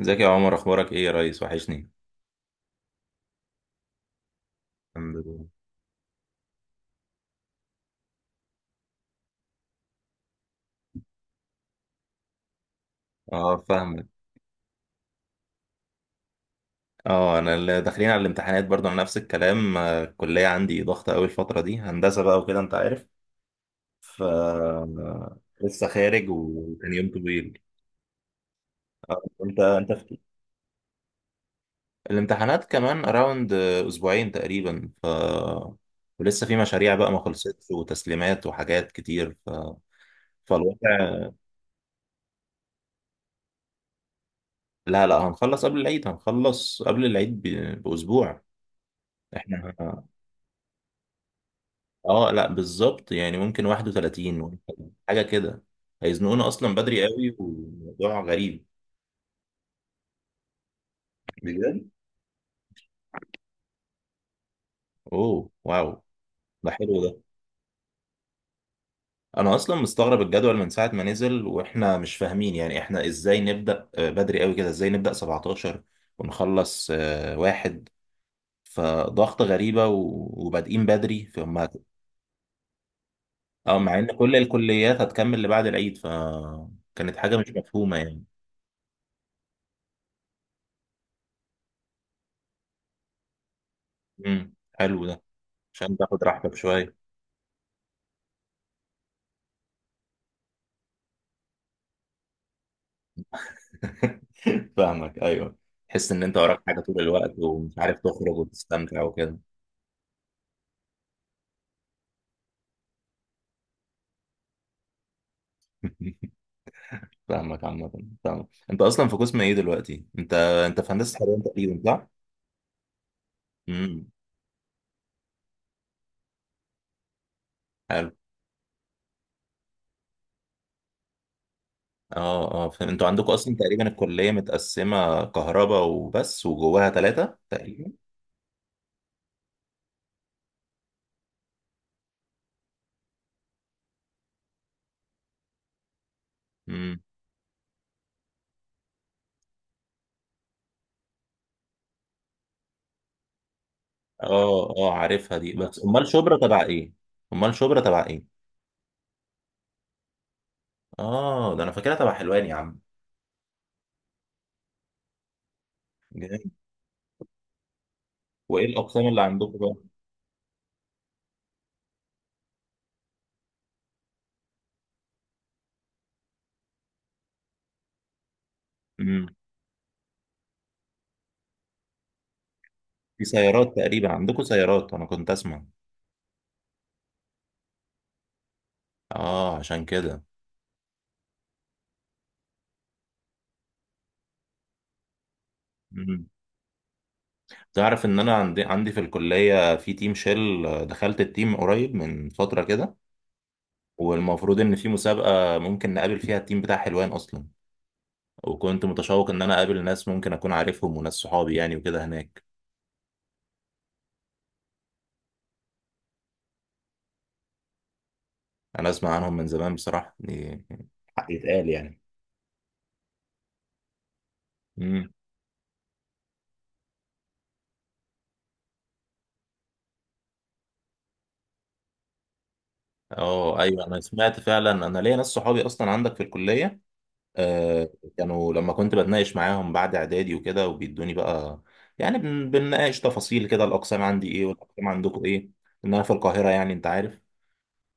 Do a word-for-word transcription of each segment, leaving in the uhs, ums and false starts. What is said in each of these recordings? ازيك يا عمر، اخبارك ايه يا ريس؟ وحشني. الحمد لله. اه، فاهمك. اه، انا اللي داخلين على الامتحانات برضو على نفس الكلام. آه، الكليه عندي ضغطه قوي الفتره دي، هندسه بقى وكده انت عارف. ف لسه خارج وكان يوم طويل. انت انت في الامتحانات كمان اراوند اسبوعين تقريبا. ف ولسه في مشاريع بقى ما خلصتش وتسليمات وحاجات كتير. ف... فالوضع. لا لا، هنخلص قبل العيد، هنخلص قبل العيد ب... باسبوع. احنا، اه، لا بالظبط يعني ممكن واحد وثلاثين ممكن حاجه كده. هيزنقونا اصلا بدري قوي، وموضوع غريب. بجد؟ اوه، واو. ده حلو ده. انا اصلا مستغرب الجدول من ساعه ما نزل، واحنا مش فاهمين يعني احنا ازاي نبدا آه، بدري قوي كده، ازاي نبدا سبعتاشر ونخلص آه، واحد. فضغط غريبه و- وبادئين بدري فما... اه، مع ان كل الكليات هتكمل لبعد العيد، فكانت حاجه مش مفهومه يعني. امم، حلو ده. عشان تاخد راحتك شويه. فاهمك، ايوه. تحس ان انت وراك حاجه طول الوقت، ومش عارف تخرج وتستمتع وكده. فاهمك عامه. فاهمك. انت اصلا في قسم ايه دلوقتي؟ انت انت في هندسه حلوان تقريبا، صح؟ امم، حلو. اه اه، فاهم. انتوا عندكم اصلا تقريبا الكليه متقسمه كهرباء وبس، وجواها ثلاثه تقريبا. امم. اه اه، عارفها دي. بس امال شبرا تبع ايه؟ امال شبرا تبع ايه؟ اه، ده انا فاكرها تبع حلوان يا عم. جامد. وايه الاقسام اللي عندكم بقى؟ في سيارات تقريبا عندكم؟ سيارات انا كنت اسمع. اه، عشان كده. مم. تعرف ان انا عندي عندي في الكلية في تيم شيل؟ آه، دخلت التيم قريب من فترة كده. والمفروض ان في مسابقة ممكن نقابل فيها التيم بتاع حلوان اصلا. وكنت متشوق ان انا اقابل ناس ممكن اكون عارفهم، وناس صحابي يعني وكده هناك. انا اسمع عنهم من زمان بصراحة يعني. حق يتقال يعني. امم. اه ايوه، انا سمعت فعلا. انا ليا ناس صحابي اصلا عندك في الكلية. آه، كانوا لما كنت بتناقش معاهم بعد اعدادي وكده وبيدوني بقى، يعني بن- بنناقش تفاصيل كده، الاقسام عندي ايه والاقسام عندكم ايه. ان انا في القاهره يعني انت عارف.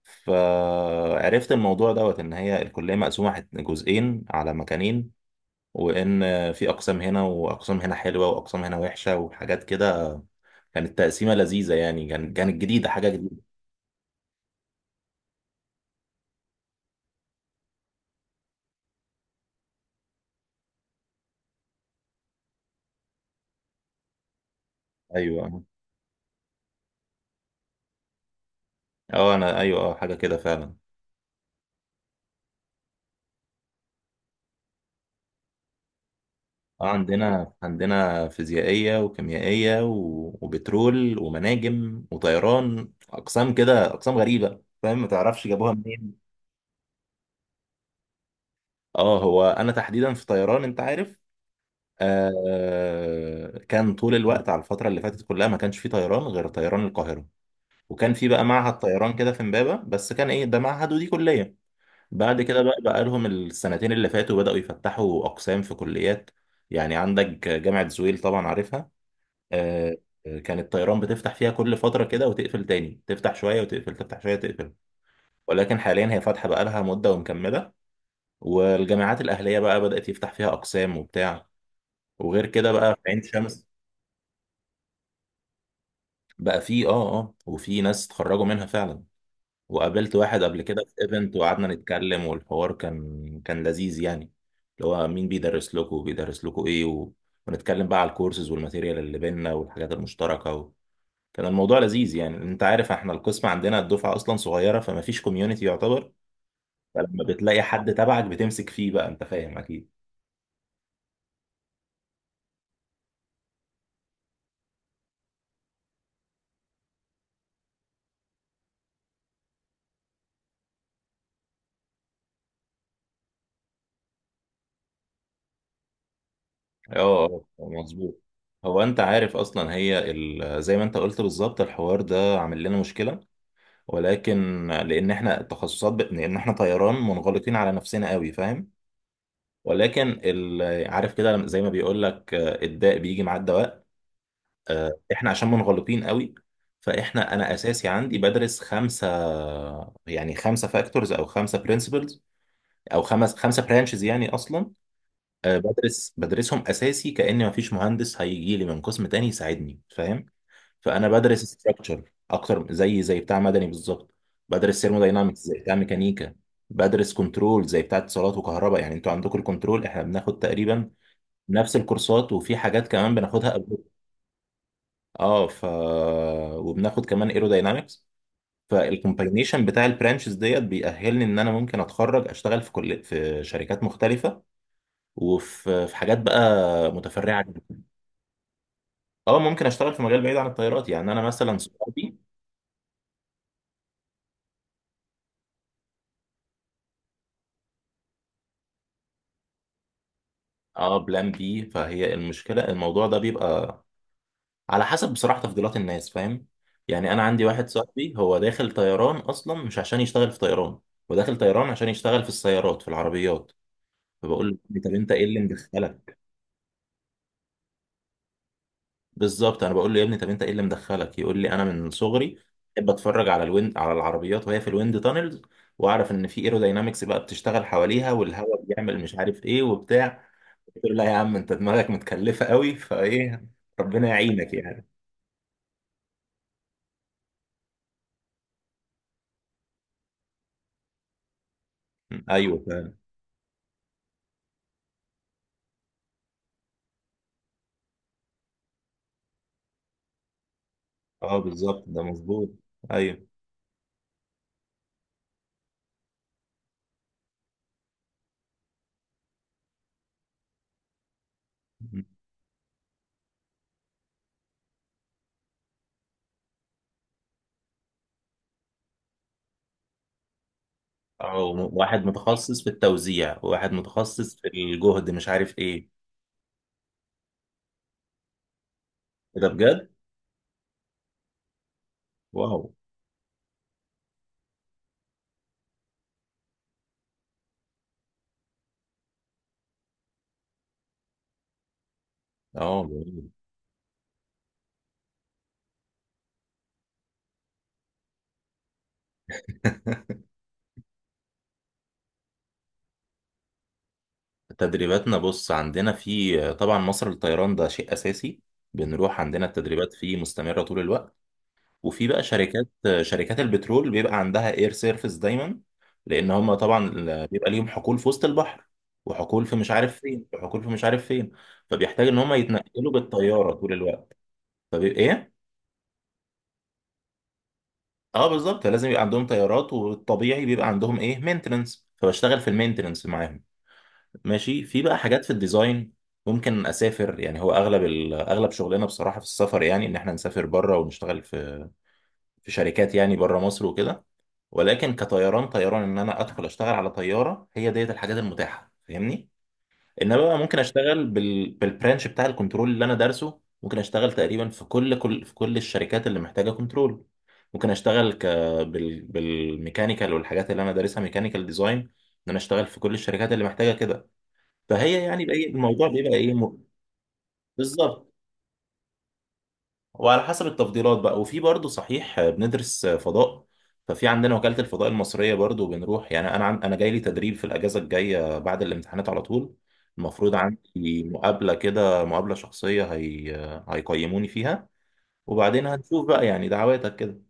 فعرفت الموضوع دوت ان هي الكليه مقسومه حت- جزئين على مكانين. وان في اقسام هنا، واقسام هنا حلوه، واقسام هنا وحشه، وحاجات كده. كانت تقسيمه لذيذه يعني، كانت كانت جديده، حاجه جديده. ايوه. اه، انا، ايوه، اه، حاجه كده فعلا. اه، عندنا عندنا فيزيائية وكيميائية و- وبترول ومناجم وطيران، أقسام كده، أقسام غريبة فاهم، ما تعرفش جابوها منين. اه، هو أنا تحديدا في طيران أنت عارف. آه، كان طول الوقت على الفترة اللي فاتت كلها ما كانش في طيران غير طيران القاهرة. وكان في بقى معهد طيران كده في إمبابة، بس كان إيه ده؟ معهد، ودي كلية. بعد كده بقى بقى لهم السنتين اللي فاتوا بدأوا يفتحوا أقسام في كليات. يعني عندك جامعة زويل طبعا عارفها. آه، كان الطيران بتفتح فيها كل فترة كده وتقفل تاني، تفتح شوية وتقفل، تفتح شوية تقفل. ولكن حاليا هي فاتحة بقالها مدة ومكملة. والجامعات الأهلية بقى بدأت يفتح فيها أقسام وبتاع. وغير كده بقى في عين شمس. بقى في اه اه وفي ناس اتخرجوا منها فعلا. وقابلت واحد قبل كده في ايفنت، وقعدنا نتكلم، والحوار كان كان لذيذ يعني. اللي هو مين بيدرس لكم وبيدرس لكم ايه و... ونتكلم بقى على الكورسز والماتيريال اللي بينا والحاجات المشتركة. كان الموضوع لذيذ يعني. انت عارف احنا القسم عندنا الدفعه اصلا صغيره، فما فيش كوميونتي يعتبر. فلما بتلاقي حد تبعك بتمسك فيه بقى، انت فاهم اكيد. اه اه، آه، مظبوط. هو انت عارف اصلا هي ال- زي ما انت قلت بالظبط، الحوار ده عامل لنا مشكله. ولكن لان احنا التخصصات ب... لان احنا طيران منغلقين على نفسنا قوي فاهم. ولكن ال... عارف كده زي ما بيقول لك الداء بيجي مع الدواء. آه، احنا عشان منغلطين قوي. فاحنا، انا اساسي عندي بدرس خمسه، يعني خمسه فاكتورز او خمسه برنسبلز او خمس خمسه برانشز يعني اصلا. آه، بدرس بدرسهم اساسي، كأن مفيش مهندس هيجي لي من قسم تاني يساعدني فاهم. فانا بدرس ستراكشر اكتر، زي زي بتاع مدني بالظبط. بدرس ثيرموداينامكس زي بتاع ميكانيكا. بدرس كنترول زي بتاع اتصالات وكهرباء، يعني انتوا عندكم الكنترول، احنا بناخد تقريبا نفس الكورسات، وفي حاجات كمان بناخدها. اه. ف وبناخد كمان ايروداينامكس. فالكومباينيشن بتاع البرانشز ديت بيأهلني ان انا ممكن اتخرج اشتغل في كل في شركات مختلفه. وفي في حاجات بقى متفرعه جدا. اه، ممكن اشتغل في مجال بعيد عن الطيارات، يعني انا مثلا صحابي. اه، بلان بي، فهي المشكله. الموضوع ده بيبقى على حسب بصراحه تفضيلات الناس فاهم. يعني انا عندي واحد صاحبي هو داخل طيران اصلا مش عشان يشتغل في طيران. هو داخل طيران عشان يشتغل في السيارات، في العربيات. فبقول له طب انت ايه اللي مدخلك. بالظبط انا بقول له يا ابني، طب انت ايه اللي مدخلك، يقول لي انا من صغري بحب اتفرج على الويند، على العربيات وهي في الويند تانلز، واعرف ان في ايروداينامكس بقى بتشتغل حواليها، والهواء بيعمل مش عارف ايه وبتاع. قلت له لا يا عم، انت دماغك متكلفه قوي فايه. ربنا يعينك يعني. م، ايوه فعلا. اه بالظبط، ده مظبوط. ايوه م. اه، وم- واحد متخصص في التوزيع، وواحد متخصص في الجهد مش عارف ايه. إيه ده بجد؟ واو. اه، جميل. تدريباتنا، بص، عندنا في طبعا مصر للطيران ده شيء اساسي. بنروح عندنا، التدريبات فيه مستمره طول الوقت. وفي بقى شركات، شركات البترول بيبقى عندها اير سيرفيس دايما، لان هم طبعا بيبقى ليهم حقول في وسط البحر، وحقول في مش عارف فين، وحقول في مش عارف فين. فبيحتاج ان هم يتنقلوا بالطياره طول الوقت. فبيبقى ايه. اه بالظبط، لازم يبقى عندهم طيارات، والطبيعي بيبقى عندهم ايه، مينتننس، فبشتغل في المينتننس معاهم. ماشي. في بقى حاجات في الديزاين. ممكن اسافر، يعني هو اغلب ال- اغلب شغلنا بصراحه في السفر، يعني ان احنا نسافر بره ونشتغل في في شركات يعني بره مصر وكده. ولكن كطيران طيران، ان انا ادخل اشتغل على طياره، هي ديت الحاجات المتاحه فاهمني. انما بقى ممكن اشتغل بال بالبرانش بتاع الكنترول اللي انا دارسه، ممكن اشتغل تقريبا في كل كل في كل الشركات اللي محتاجه كنترول. ممكن اشتغل ك بال بالميكانيكال والحاجات اللي انا دارسها، ميكانيكال ديزاين، ان انا اشتغل في كل الشركات اللي محتاجه كده. فهي يعني بقى إيه- الموضوع بيبقى ايه م- بالظبط. وعلى حسب التفضيلات بقى، وفي برضه صحيح. آه، بندرس آه، فضاء. ففي عندنا وكالة الفضاء المصرية برضه بنروح. يعني انا عن- انا جاي لي تدريب في الاجازة الجاية بعد الامتحانات على طول. المفروض عندي مقابلة كده، مقابلة شخصية، هي آه، هيقيموني فيها. وبعدين هنشوف بقى يعني، دعواتك كده.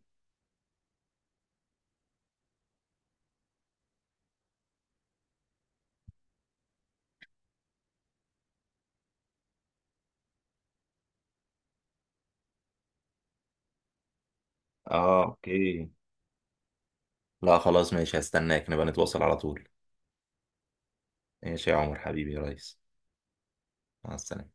اه، اوكي. لا خلاص، ماشي، هستناك، نبقى نتواصل على طول. ماشي يا عمر حبيبي يا ريس. مع السلامة.